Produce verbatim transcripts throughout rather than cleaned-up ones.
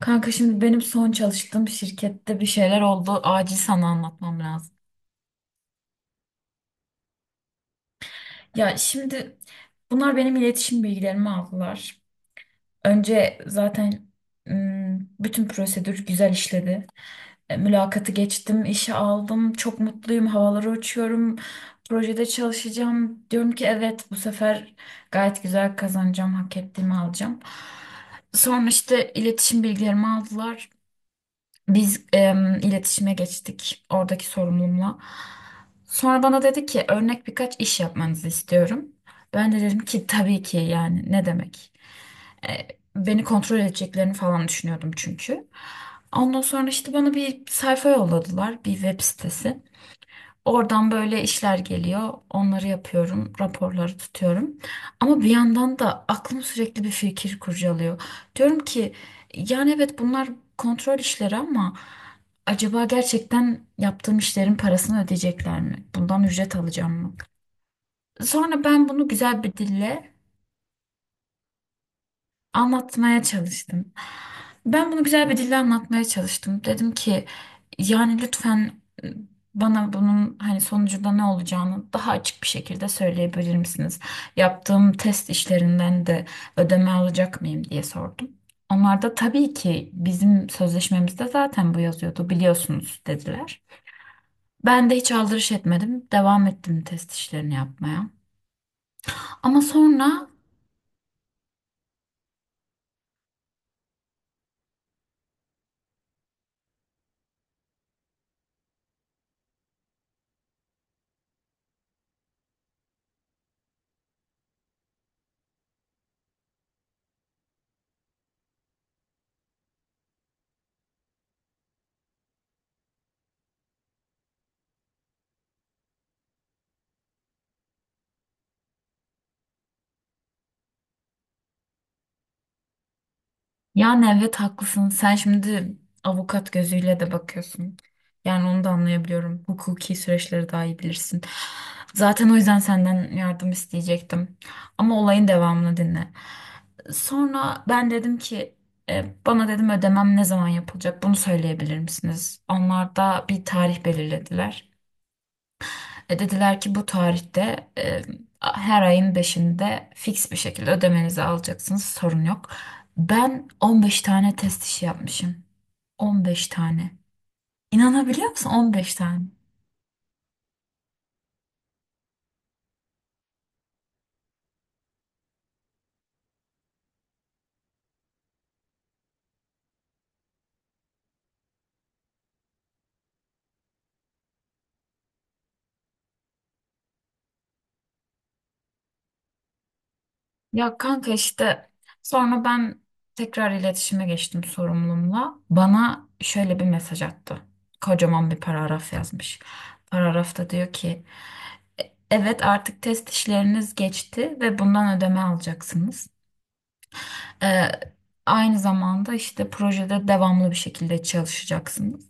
Kanka şimdi benim son çalıştığım şirkette bir şeyler oldu. Acil sana anlatmam lazım. Ya şimdi bunlar benim iletişim bilgilerimi aldılar. Önce zaten ım, bütün prosedür güzel işledi. E, Mülakatı geçtim, işe aldım. Çok mutluyum, havalara uçuyorum. Projede çalışacağım. Diyorum ki evet bu sefer gayet güzel kazanacağım, hak ettiğimi alacağım. Sonra işte iletişim bilgilerimi aldılar. Biz em, iletişime geçtik oradaki sorumlumla. Sonra bana dedi ki örnek birkaç iş yapmanızı istiyorum. Ben de dedim ki tabii ki yani ne demek. E, Beni kontrol edeceklerini falan düşünüyordum çünkü. Ondan sonra işte bana bir sayfa yolladılar, bir web sitesi. Oradan böyle işler geliyor. Onları yapıyorum, raporları tutuyorum. Ama bir yandan da aklım sürekli bir fikir kurcalıyor. Diyorum ki yani evet bunlar kontrol işleri ama acaba gerçekten yaptığım işlerin parasını ödeyecekler mi? Bundan ücret alacağım mı? Sonra ben bunu güzel bir dille anlatmaya çalıştım. Ben bunu güzel bir dille anlatmaya çalıştım. Dedim ki yani lütfen bana bunun hani sonucunda ne olacağını daha açık bir şekilde söyleyebilir misiniz? Yaptığım test işlerinden de ödeme alacak mıyım diye sordum. Onlar da tabii ki bizim sözleşmemizde zaten bu yazıyordu biliyorsunuz dediler. Ben de hiç aldırış etmedim. Devam ettim test işlerini yapmaya. Ama sonra yani evet haklısın. Sen şimdi avukat gözüyle de bakıyorsun. Yani onu da anlayabiliyorum. Hukuki süreçleri daha iyi bilirsin. Zaten o yüzden senden yardım isteyecektim. Ama olayın devamını dinle. Sonra ben dedim ki e, bana dedim ödemem ne zaman yapılacak bunu söyleyebilir misiniz? Onlar da bir tarih belirlediler. E, dediler ki bu tarihte e, her ayın beşinde fix bir şekilde ödemenizi alacaksınız sorun yok. Ben on beş tane test işi yapmışım. on beş tane. İnanabiliyor musun on beş tane? Ya kanka işte sonra ben tekrar iletişime geçtim sorumlumla. Bana şöyle bir mesaj attı. Kocaman bir paragraf yazmış. Paragrafta diyor ki evet artık test işleriniz geçti ve bundan ödeme alacaksınız. Ee, Aynı zamanda işte projede devamlı bir şekilde çalışacaksınız.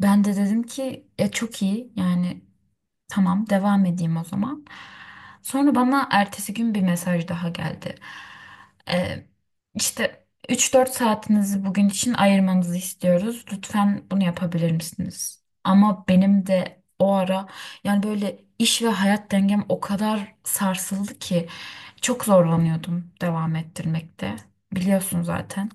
Ben de dedim ki ya çok iyi yani. Tamam, devam edeyim o zaman. Sonra bana ertesi gün bir mesaj daha geldi. Ee, işte üç dört saatinizi bugün için ayırmanızı istiyoruz. Lütfen bunu yapabilir misiniz? Ama benim de o ara yani böyle iş ve hayat dengem o kadar sarsıldı ki çok zorlanıyordum devam ettirmekte. Biliyorsun zaten.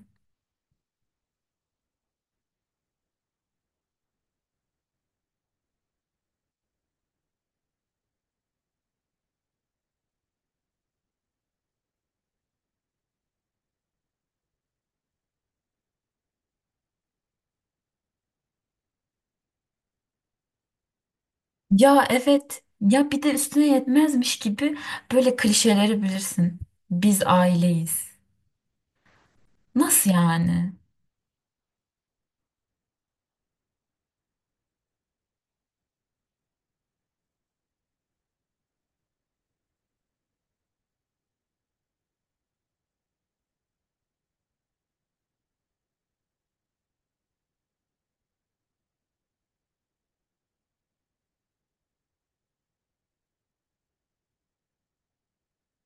Ya evet ya bir de üstüne yetmezmiş gibi böyle klişeleri bilirsin. Biz aileyiz. Nasıl yani?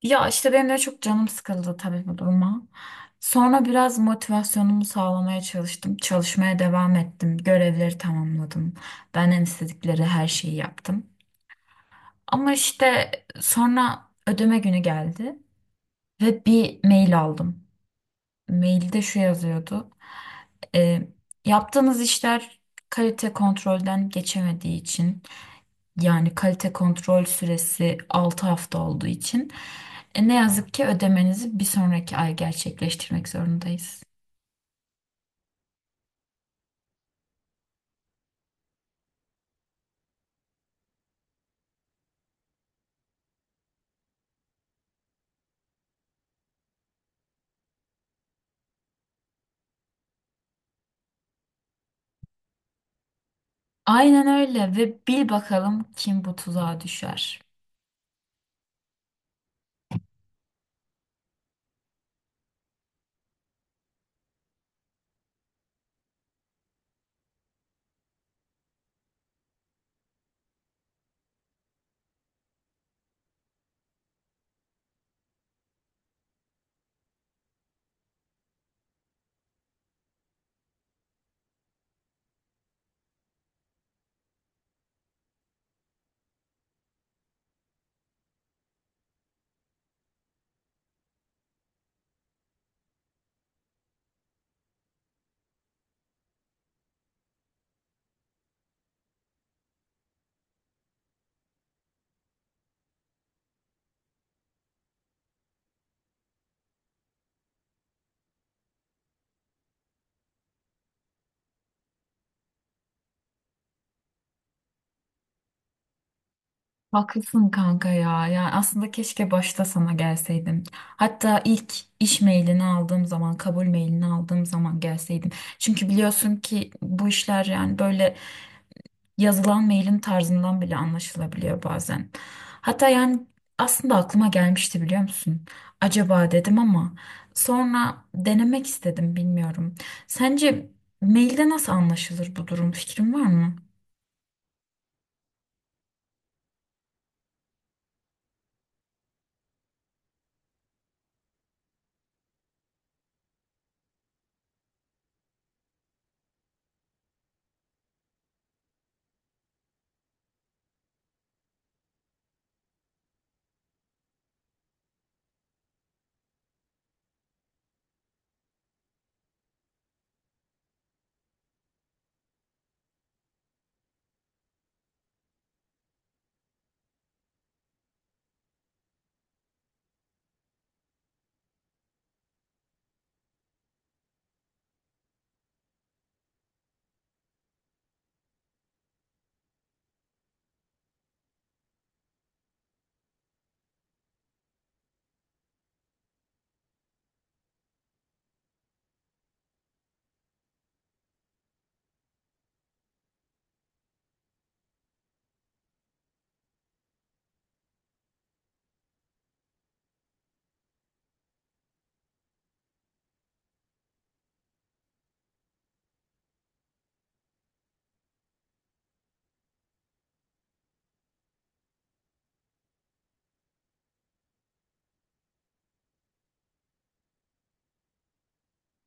Ya işte benim de çok canım sıkıldı tabii bu duruma. Sonra biraz motivasyonumu sağlamaya çalıştım. Çalışmaya devam ettim. Görevleri tamamladım. Benden istedikleri her şeyi yaptım. Ama işte sonra ödeme günü geldi ve bir mail aldım. Mailde şu yazıyordu. E, Yaptığınız işler kalite kontrolden geçemediği için, yani kalite kontrol süresi altı hafta olduğu için e, ne yazık ki ödemenizi bir sonraki ay gerçekleştirmek zorundayız. Aynen öyle ve bil bakalım kim bu tuzağa düşer. Haklısın kanka ya. Yani aslında keşke başta sana gelseydim. Hatta ilk iş mailini aldığım zaman, kabul mailini aldığım zaman gelseydim. Çünkü biliyorsun ki bu işler yani böyle yazılan mailin tarzından bile anlaşılabiliyor bazen. Hatta yani aslında aklıma gelmişti biliyor musun? Acaba dedim ama sonra denemek istedim bilmiyorum. Sence mailde nasıl anlaşılır bu durum? Fikrin var mı?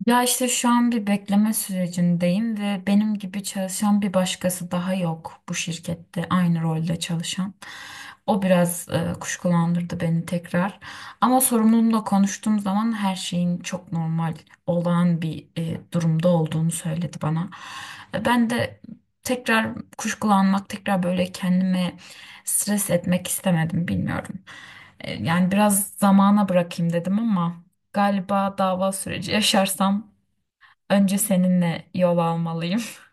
Ya işte şu an bir bekleme sürecindeyim ve benim gibi çalışan bir başkası daha yok bu şirkette aynı rolde çalışan. O biraz e, kuşkulandırdı beni tekrar. Ama sorumlumla konuştuğum zaman her şeyin çok normal, olağan bir e, durumda olduğunu söyledi bana. E, Ben de tekrar kuşkulanmak, tekrar böyle kendime stres etmek istemedim, bilmiyorum. E, yani biraz zamana bırakayım dedim ama. Galiba dava süreci yaşarsam önce seninle yol almalıyım.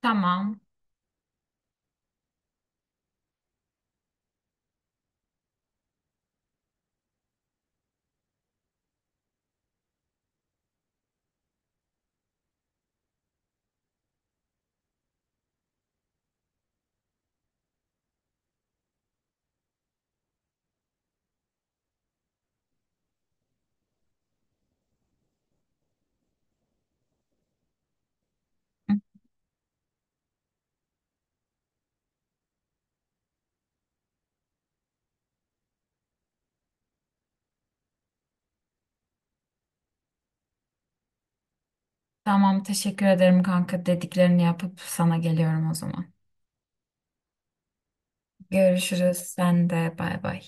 Tamam. Tamam, teşekkür ederim kanka. Dediklerini yapıp sana geliyorum o zaman. Görüşürüz. Sen de bay bay.